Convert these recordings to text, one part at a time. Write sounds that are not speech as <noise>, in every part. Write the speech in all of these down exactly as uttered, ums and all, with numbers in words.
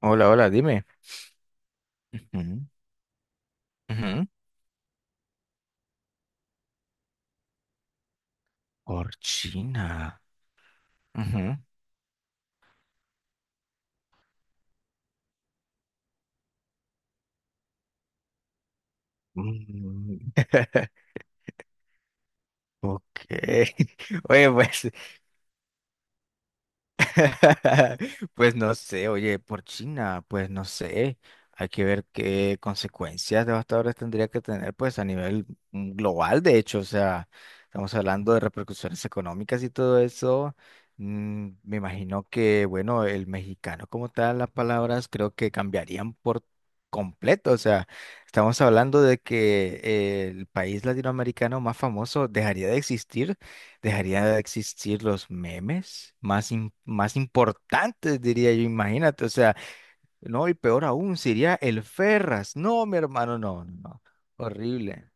Hola, hola, dime. Ujú, ujú. Orchina. Ujú. Mm. <laughs> Ok. <laughs> Oye, pues <laughs> Pues no sé, oye, por China, pues no sé. Hay que ver qué consecuencias devastadoras tendría que tener, pues a nivel mm, global, de hecho, o sea, estamos hablando de repercusiones económicas y todo eso. Mm, me imagino que, bueno, el mexicano como tal, las palabras creo que cambiarían por completo, o sea, estamos hablando de que eh, el país latinoamericano más famoso dejaría de existir. Dejaría de existir los memes más, im- más importantes, diría yo, imagínate, o sea, no, y peor aún, sería el Ferras. No, mi hermano, no, no, no. Horrible.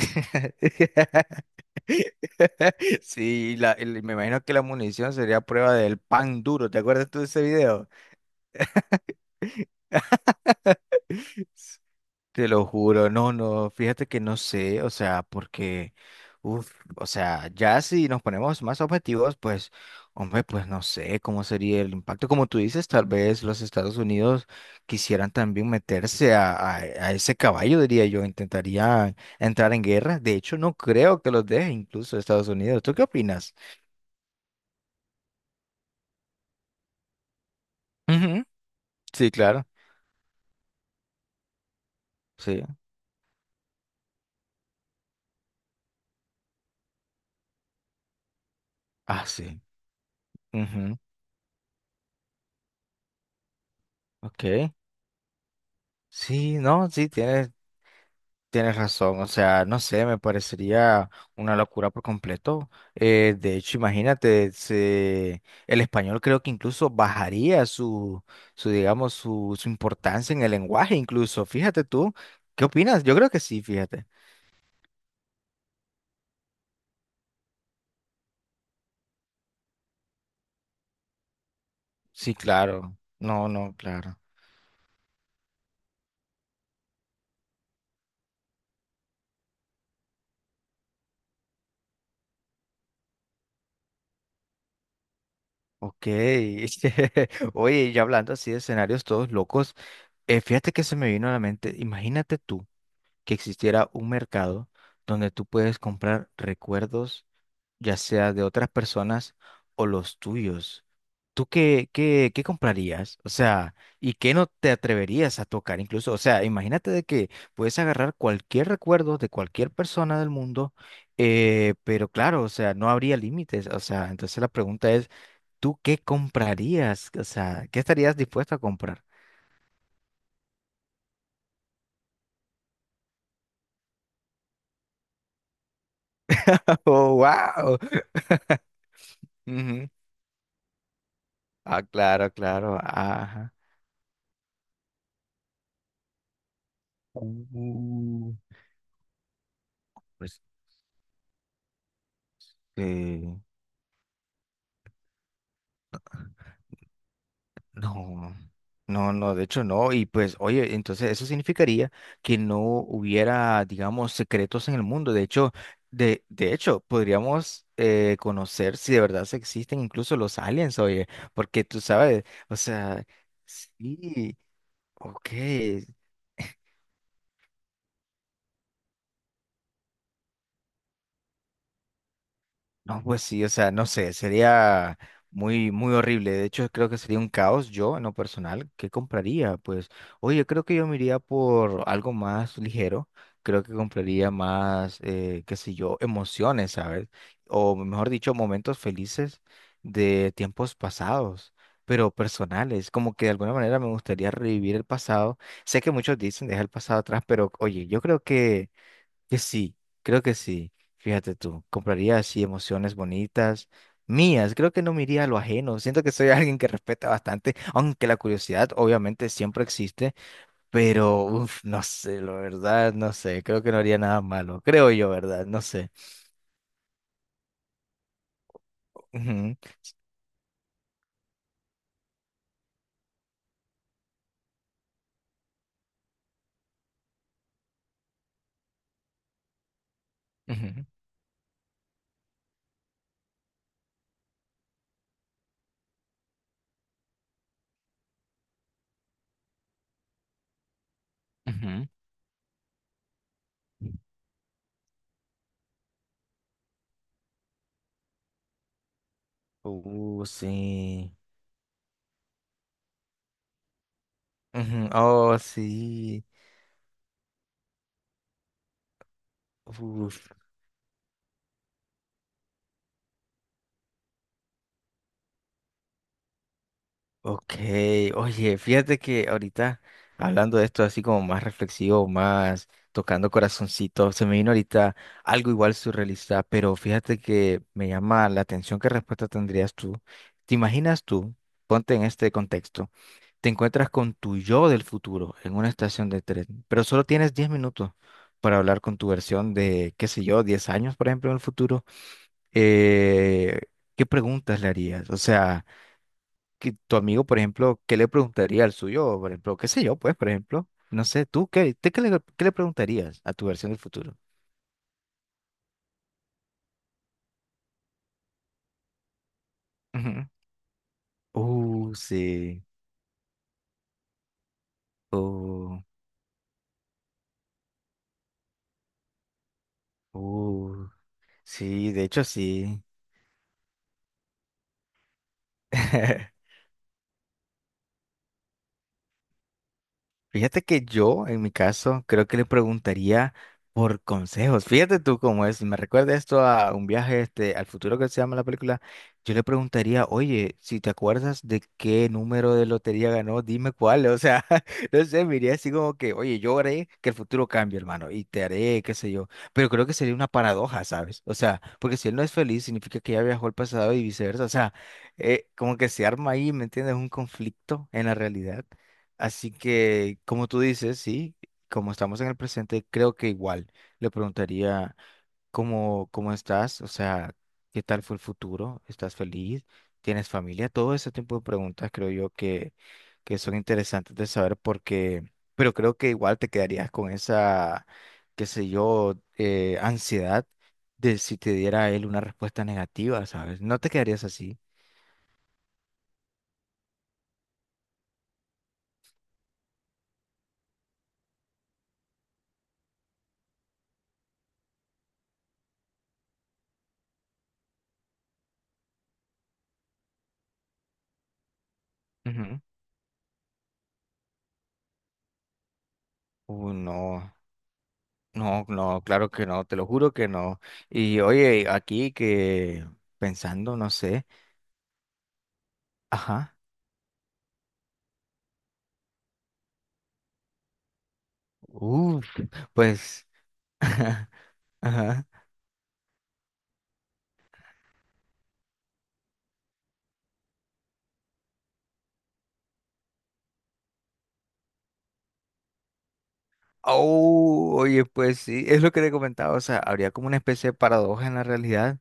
<laughs> Sí, la- el- me imagino que la munición sería prueba del pan duro, ¿te acuerdas tú de ese video? Te lo juro, no, no, fíjate que no sé, o sea, porque, uff, o sea, ya si nos ponemos más objetivos, pues, hombre, pues no sé cómo sería el impacto. Como tú dices, tal vez los Estados Unidos quisieran también meterse a, a- a ese caballo, diría yo, intentarían entrar en guerra. De hecho, no creo que los deje incluso Estados Unidos. ¿Tú qué opinas? Ujú, sí, claro, sí. Ah, sí. Ujú. Ok. Sí, no, sí, tienes. Tienes razón, o sea, no sé, me parecería una locura por completo. Eh, de hecho, imagínate, se- el español creo que incluso bajaría su, su digamos, su, su importancia en el lenguaje, incluso. Fíjate tú, ¿qué opinas? Yo creo que sí, fíjate. Sí, claro. No, no, claro. Ok. <laughs> Oye, ya hablando así de escenarios todos locos, eh, fíjate que se me vino a la mente, imagínate tú que existiera un mercado donde tú puedes comprar recuerdos ya sea de otras personas o los tuyos. ¿Tú qué, qué, qué comprarías? O sea, ¿y qué no te atreverías a tocar incluso? O sea, imagínate de que puedes agarrar cualquier recuerdo de cualquier persona del mundo, eh, pero claro, o sea, no habría límites. O sea, entonces la pregunta es, ¿tú qué comprarías? O sea, ¿qué estarías dispuesto a comprar? <laughs> Oh, wow. Ah, claro, claro. Ajá. Uh, pues, no, no, no, de hecho no. Y pues, oye, entonces eso significaría que no hubiera, digamos, secretos en el mundo. De hecho, de, de hecho, podríamos eh, conocer si de verdad se existen incluso los aliens, oye, porque tú sabes, o sea, sí, ok, no, pues sí, o sea, no sé, sería muy, muy horrible. De hecho, creo que sería un caos yo, en lo personal. ¿Qué compraría? Pues, oye, creo que yo me iría por algo más ligero. Creo que compraría más, eh, qué sé yo, emociones, ¿sabes? O mejor dicho, momentos felices de tiempos pasados, pero personales. Como que de alguna manera me gustaría revivir el pasado. Sé que muchos dicen deja el pasado atrás, pero oye, yo creo que que sí, creo que sí. Fíjate tú, compraría así emociones bonitas, mías. Creo que no me iría a lo ajeno. Siento que soy <laughs> alguien que respeta bastante, aunque la curiosidad obviamente siempre existe, pero uf, no sé, la verdad, no sé. Creo que no haría nada malo. Creo yo, ¿verdad? No sé. Ujú, ujú, ujú. Uh, sí. Ujú. Oh, sí. Uf. Ok, oye, fíjate que ahorita hablando de esto así como más reflexivo, más tocando corazoncito, se me vino ahorita algo igual surrealista, pero fíjate que me llama la atención qué respuesta tendrías tú. ¿Te imaginas tú, ponte en este contexto, te encuentras con tu yo del futuro en una estación de tren, pero solo tienes diez minutos para hablar con tu versión de, qué sé yo, diez años, por ejemplo, en el futuro? Eh, ¿qué preguntas le harías? O sea que tu amigo, por ejemplo, ¿qué le preguntaría al suyo? Por ejemplo, qué sé yo, pues, por ejemplo, no sé, tú, ¿qué, te- qué le, qué le preguntarías a tu versión del futuro? Ujú. Uh, sí. Uh, uh, sí, de hecho sí. <laughs> Fíjate que yo, en mi caso, creo que le preguntaría por consejos. Fíjate tú cómo es. Si Me recuerda esto a un viaje este, al futuro que se llama la película. Yo le preguntaría, oye, si te acuerdas de qué número de lotería ganó, dime cuál. O sea, <laughs> no sé, me iría así como que, oye, yo haré que el futuro cambie, hermano, y te haré, qué sé yo. Pero creo que sería una paradoja, ¿sabes? O sea, porque si él no es feliz, significa que ya viajó al pasado y viceversa. O sea, eh, como que se arma ahí, ¿me entiendes? Un conflicto en la realidad. Así que, como tú dices, sí, como estamos en el presente, creo que igual le preguntaría cómo, cómo estás, o sea, qué tal fue el futuro, estás feliz, tienes familia, todo ese tipo de preguntas creo yo que, que son interesantes de saber porque, pero creo que igual te quedarías con esa, qué sé yo, eh, ansiedad de si te diera él una respuesta negativa, ¿sabes? No te quedarías así. Ujú. Uh, no. No, no, claro que no, te lo juro que no. Y oye, aquí que pensando, no sé. Ajá. Uf, pues. <laughs> Ajá. Oh, oye, pues sí, es lo que le comentaba, o sea, habría como una especie de paradoja en la realidad,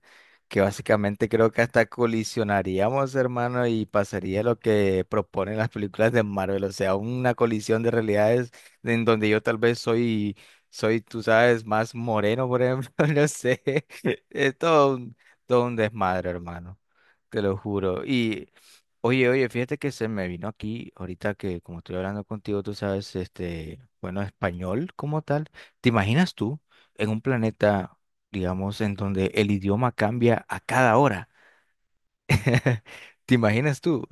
que básicamente creo que hasta colisionaríamos, hermano, y pasaría lo que proponen las películas de Marvel, o sea, una colisión de realidades en donde yo tal vez soy, soy, tú sabes, más moreno, por ejemplo, <laughs> no sé, <laughs> es todo un, todo un desmadre, hermano, te lo juro. Oye, oye, fíjate que se me vino aquí, ahorita que como estoy hablando contigo, tú sabes, este, bueno, español como tal. ¿Te imaginas tú en un planeta, digamos, en donde el idioma cambia a cada hora? <laughs> ¿Te imaginas tú?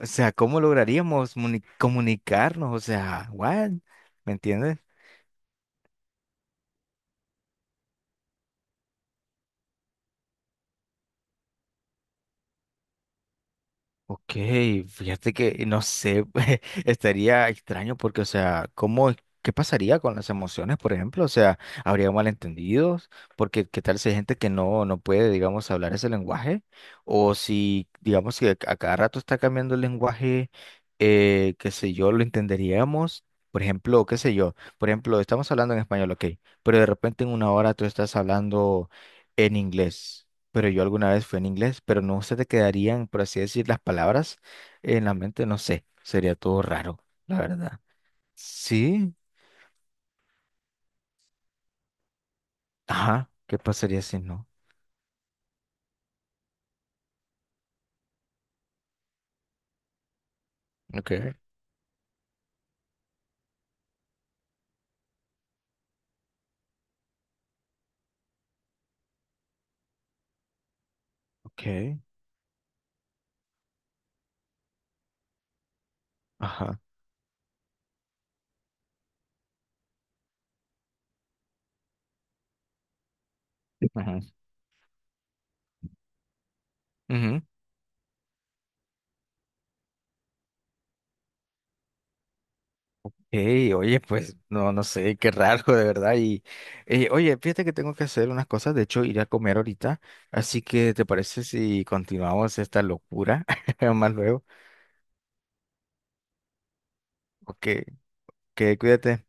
O sea, ¿cómo lograríamos muni- comunicarnos? O sea, ¿what? ¿Me entiendes? Ok, fíjate que no sé, <laughs> estaría extraño porque, o sea, ¿cómo, es- qué pasaría con las emociones, por ejemplo? O sea, ¿habría malentendidos? Porque, ¿qué tal si hay gente que no, no puede, digamos, hablar ese lenguaje? O si, digamos, que a cada rato está cambiando el lenguaje, eh, qué sé yo, lo entenderíamos. Por ejemplo, qué sé yo, por ejemplo, estamos hablando en español, ok, pero de repente en una hora tú estás hablando en inglés. Pero yo alguna vez fue en inglés, pero no se te quedarían, por así decir, las palabras en la mente, no sé, sería todo raro, la verdad. Sí, ajá, ¿qué pasaría si no? Okay. Okay, ajá. Ajá. Ujú. Ey, oye, pues no, no sé, qué raro de verdad. Y eh, oye, fíjate que tengo que hacer unas cosas, de hecho iré a comer ahorita, así que ¿te parece si continuamos esta locura <laughs> más luego? Ok, que cuídate.